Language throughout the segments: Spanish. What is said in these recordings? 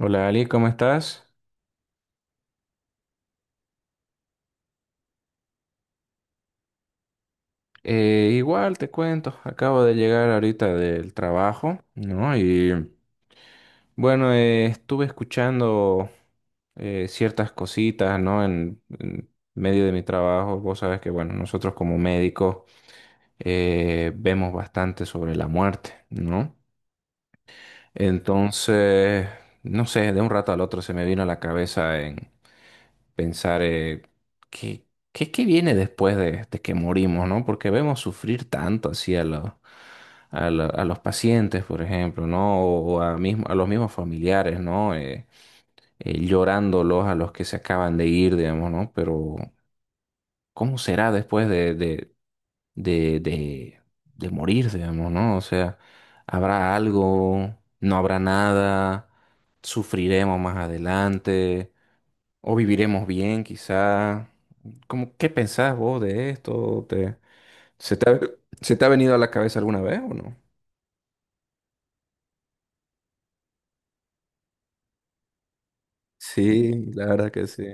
Hola Ali, ¿cómo estás? Igual te cuento, acabo de llegar ahorita del trabajo, ¿no? Y bueno, estuve escuchando ciertas cositas, ¿no? En medio de mi trabajo, vos sabes que, bueno, nosotros como médicos vemos bastante sobre la muerte, ¿no? Entonces, no sé, de un rato al otro se me vino a la cabeza pensar qué, qué viene después de que morimos, ¿no? Porque vemos sufrir tanto así a los pacientes, por ejemplo, ¿no? O a, mismo, a los mismos familiares, ¿no? Llorándolos a los que se acaban de ir, digamos, ¿no? Pero, ¿cómo será después de, de, de morir, digamos, ¿no? O sea, ¿habrá algo? ¿No habrá nada? ¿Sufriremos más adelante? O viviremos bien, quizá. ¿Cómo, qué pensás vos de esto? ¿Te, se te ha, se te ha venido a la cabeza alguna vez o no? Sí, la verdad que sí.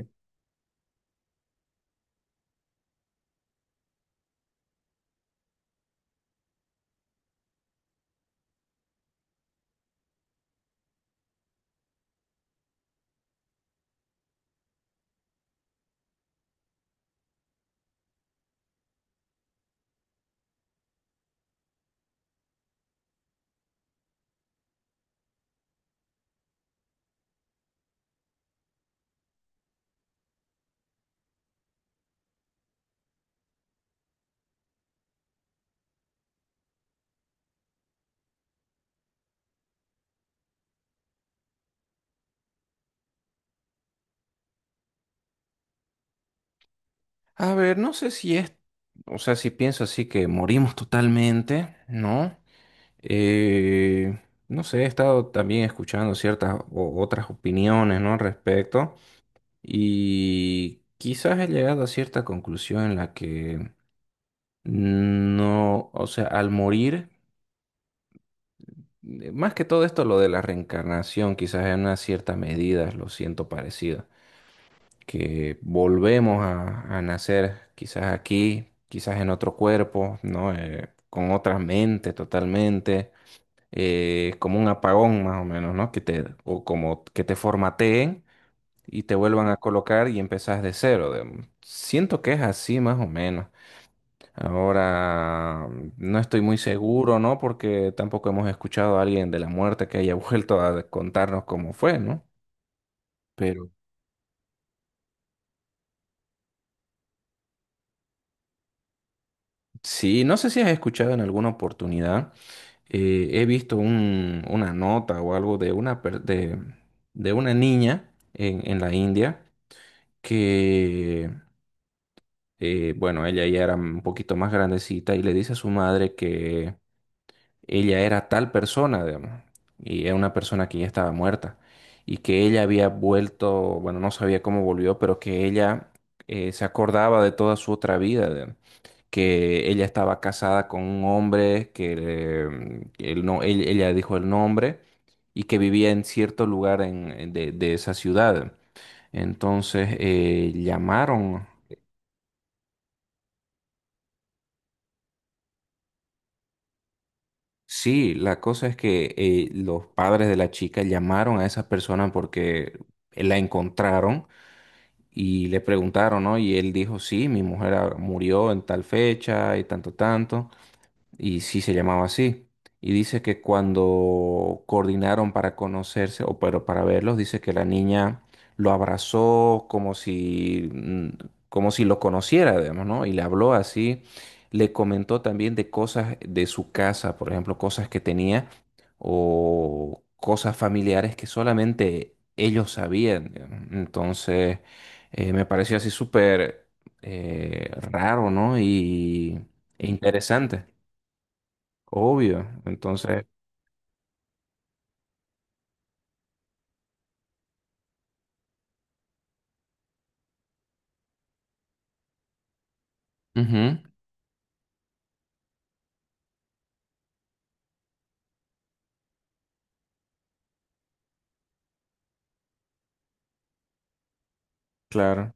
A ver, no sé si es, o sea, si pienso así que morimos totalmente, ¿no? Eh, no sé, he estado también escuchando ciertas otras opiniones, ¿no? Al respecto y quizás he llegado a cierta conclusión en la que no, o sea, al morir más que todo esto, lo de la reencarnación, quizás en una cierta medida lo siento parecido, que volvemos a nacer quizás aquí, quizás en otro cuerpo, ¿no? Con otra mente totalmente, como un apagón más o menos, ¿no? Que te, o como que te formateen y te vuelvan a colocar y empezás de cero. Siento que es así más o menos. Ahora, no estoy muy seguro, ¿no? Porque tampoco hemos escuchado a alguien de la muerte que haya vuelto a contarnos cómo fue, ¿no? Pero sí, no sé si has escuchado en alguna oportunidad, he visto una nota o algo de una niña en la India que, bueno, ella ya era un poquito más grandecita y le dice a su madre ella era tal persona, digamos, y era una persona que ya estaba muerta, y que ella había vuelto, bueno, no sabía cómo volvió, pero que ella se acordaba de toda su otra vida, digamos, que ella estaba casada con un hombre, que, él no, ella dijo el nombre, y que vivía en cierto lugar de esa ciudad. Entonces llamaron. Sí, la cosa es que los padres de la chica llamaron a esa persona porque la encontraron y le preguntaron, ¿no? Y él dijo, sí, mi mujer murió en tal fecha y tanto, tanto y sí se llamaba así. Y dice que cuando coordinaron para conocerse, o pero para verlos, dice que la niña lo abrazó como si lo conociera, digamos, ¿no? Y le habló así, le comentó también de cosas de su casa, por ejemplo, cosas que tenía o cosas familiares que solamente ellos sabían, digamos. Entonces, me pareció así súper raro, ¿no? E interesante. Obvio. Entonces. Ujú. Claro.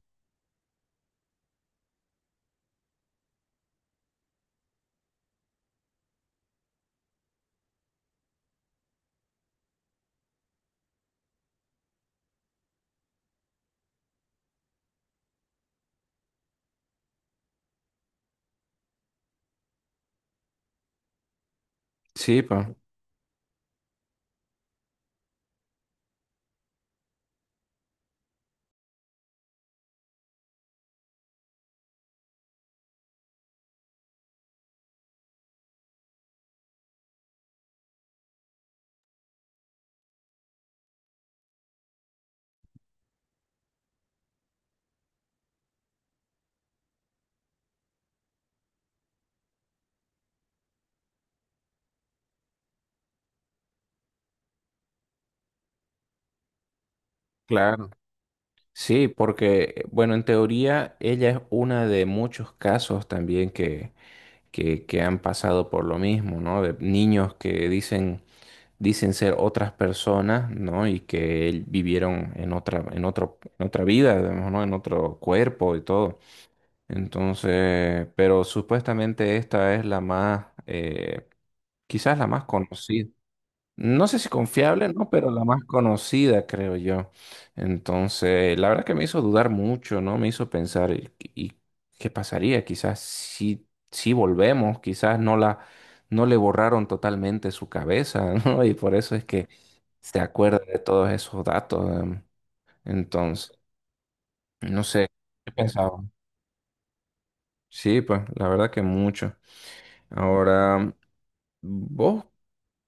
Sí, pa. Claro. Sí, porque, bueno, en teoría ella es una de muchos casos también que han pasado por lo mismo, ¿no? De niños que dicen ser otras personas, ¿no? Y que él vivieron en otra vida, digamos, ¿no? En otro cuerpo y todo. Entonces, pero supuestamente esta es la más, quizás la más conocida. No sé si confiable, ¿no? Pero la más conocida, creo yo. Entonces, la verdad que me hizo dudar mucho, ¿no? Me hizo pensar, ¿Y qué pasaría? Quizás sí volvemos, quizás no la, no le borraron totalmente su cabeza, ¿no? Y por eso es que se acuerda de todos esos datos. Entonces, no sé, ¿qué pensaba? Sí, pues, la verdad que mucho. Ahora, ¿vos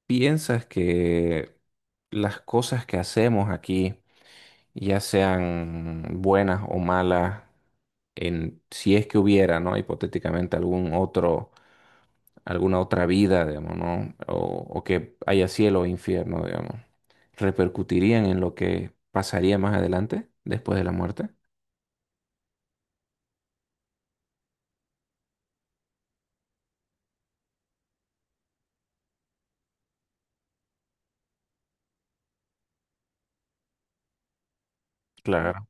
piensas que las cosas que hacemos aquí ya sean buenas o malas, si es que hubiera, ¿no? Hipotéticamente alguna otra vida, digamos, ¿no? O que haya cielo o infierno, digamos, ¿repercutirían en lo que pasaría más adelante, después de la muerte? Claro.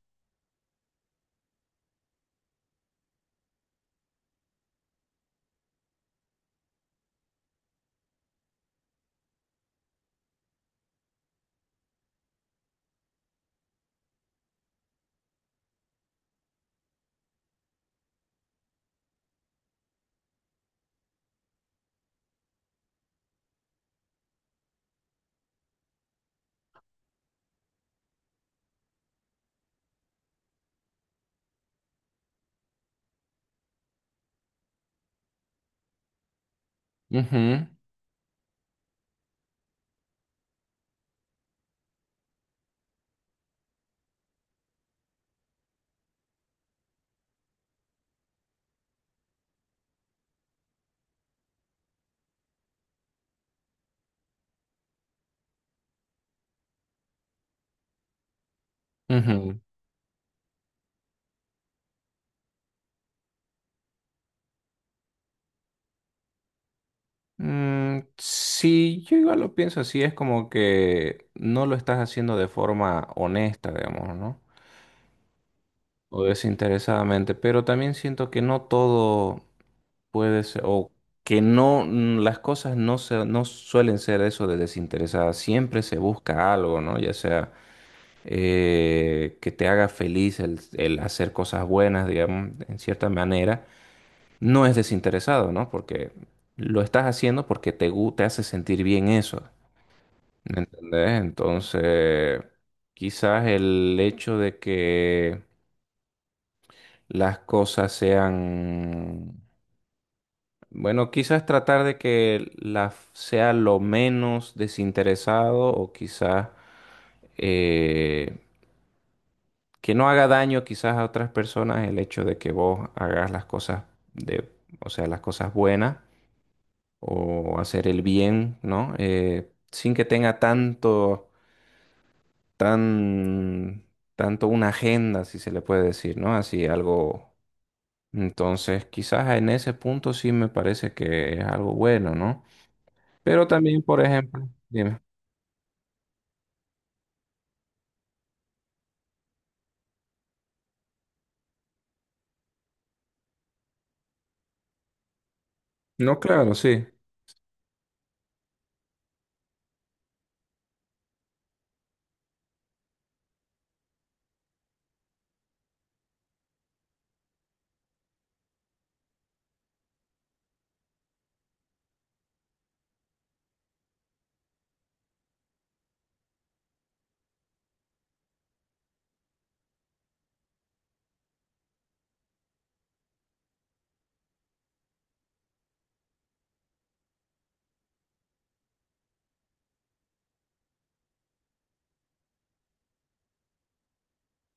Ujú, ujú. Mm, sí, yo igual lo pienso así, es como que no lo estás haciendo de forma honesta, digamos, ¿no? O desinteresadamente, pero también siento que no todo. Puede ser, o que no, las cosas no, se, no suelen ser eso de desinteresadas, siempre se busca algo, ¿no? Ya sea que te haga feliz el hacer cosas buenas, digamos, en cierta manera, no es desinteresado, ¿no? Porque lo estás haciendo porque te hace sentir bien eso, ¿me entendés? Entonces, quizás el hecho de que las cosas sean Bueno, quizás tratar de que sea lo menos desinteresado o quizás eh, que no haga daño quizás a otras personas el hecho de que vos hagas las cosas de, o sea, las cosas buenas o hacer el bien, ¿no? Sin que tenga tanto, tan, tanto una agenda, si se le puede decir, ¿no? Así algo. Entonces, quizás en ese punto sí me parece que es algo bueno, ¿no? Pero también, por ejemplo, dime. No, claro, sí.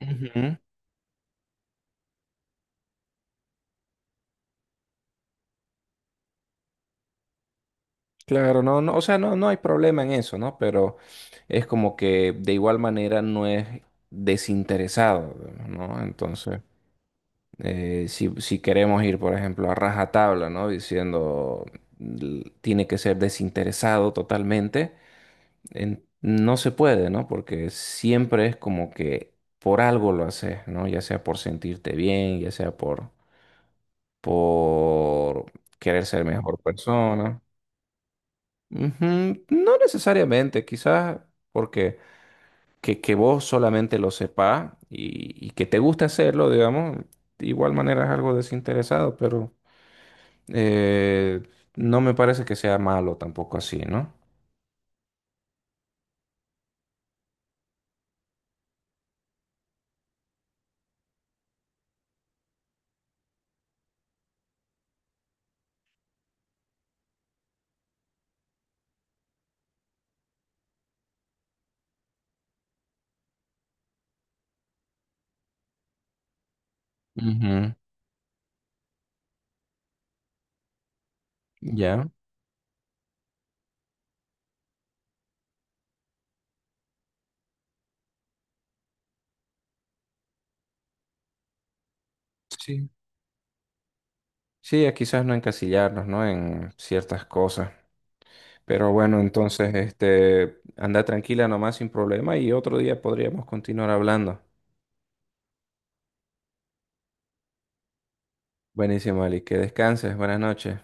Ujú. Claro, no, no, o sea, no, no hay problema en eso, ¿no? Pero es como que de igual manera no es desinteresado, ¿no? Entonces, si queremos ir, por ejemplo, a rajatabla, ¿no? Diciendo tiene que ser desinteresado totalmente, no se puede, ¿no? Porque siempre es como que por algo lo haces, ¿no? Ya sea por sentirte bien, ya sea por querer ser mejor persona. Ujú. No necesariamente, quizás porque que vos solamente lo sepas y que te guste hacerlo, digamos, de igual manera es algo desinteresado, pero eh, no me parece que sea malo tampoco así, ¿no? Ujú. Ya, sí. Sí, a quizás no encasillarnos, ¿no? En ciertas cosas. Pero bueno, entonces, este, anda tranquila nomás sin problema y otro día podríamos continuar hablando. Buenísimo, Ali, que descanses, buenas noches.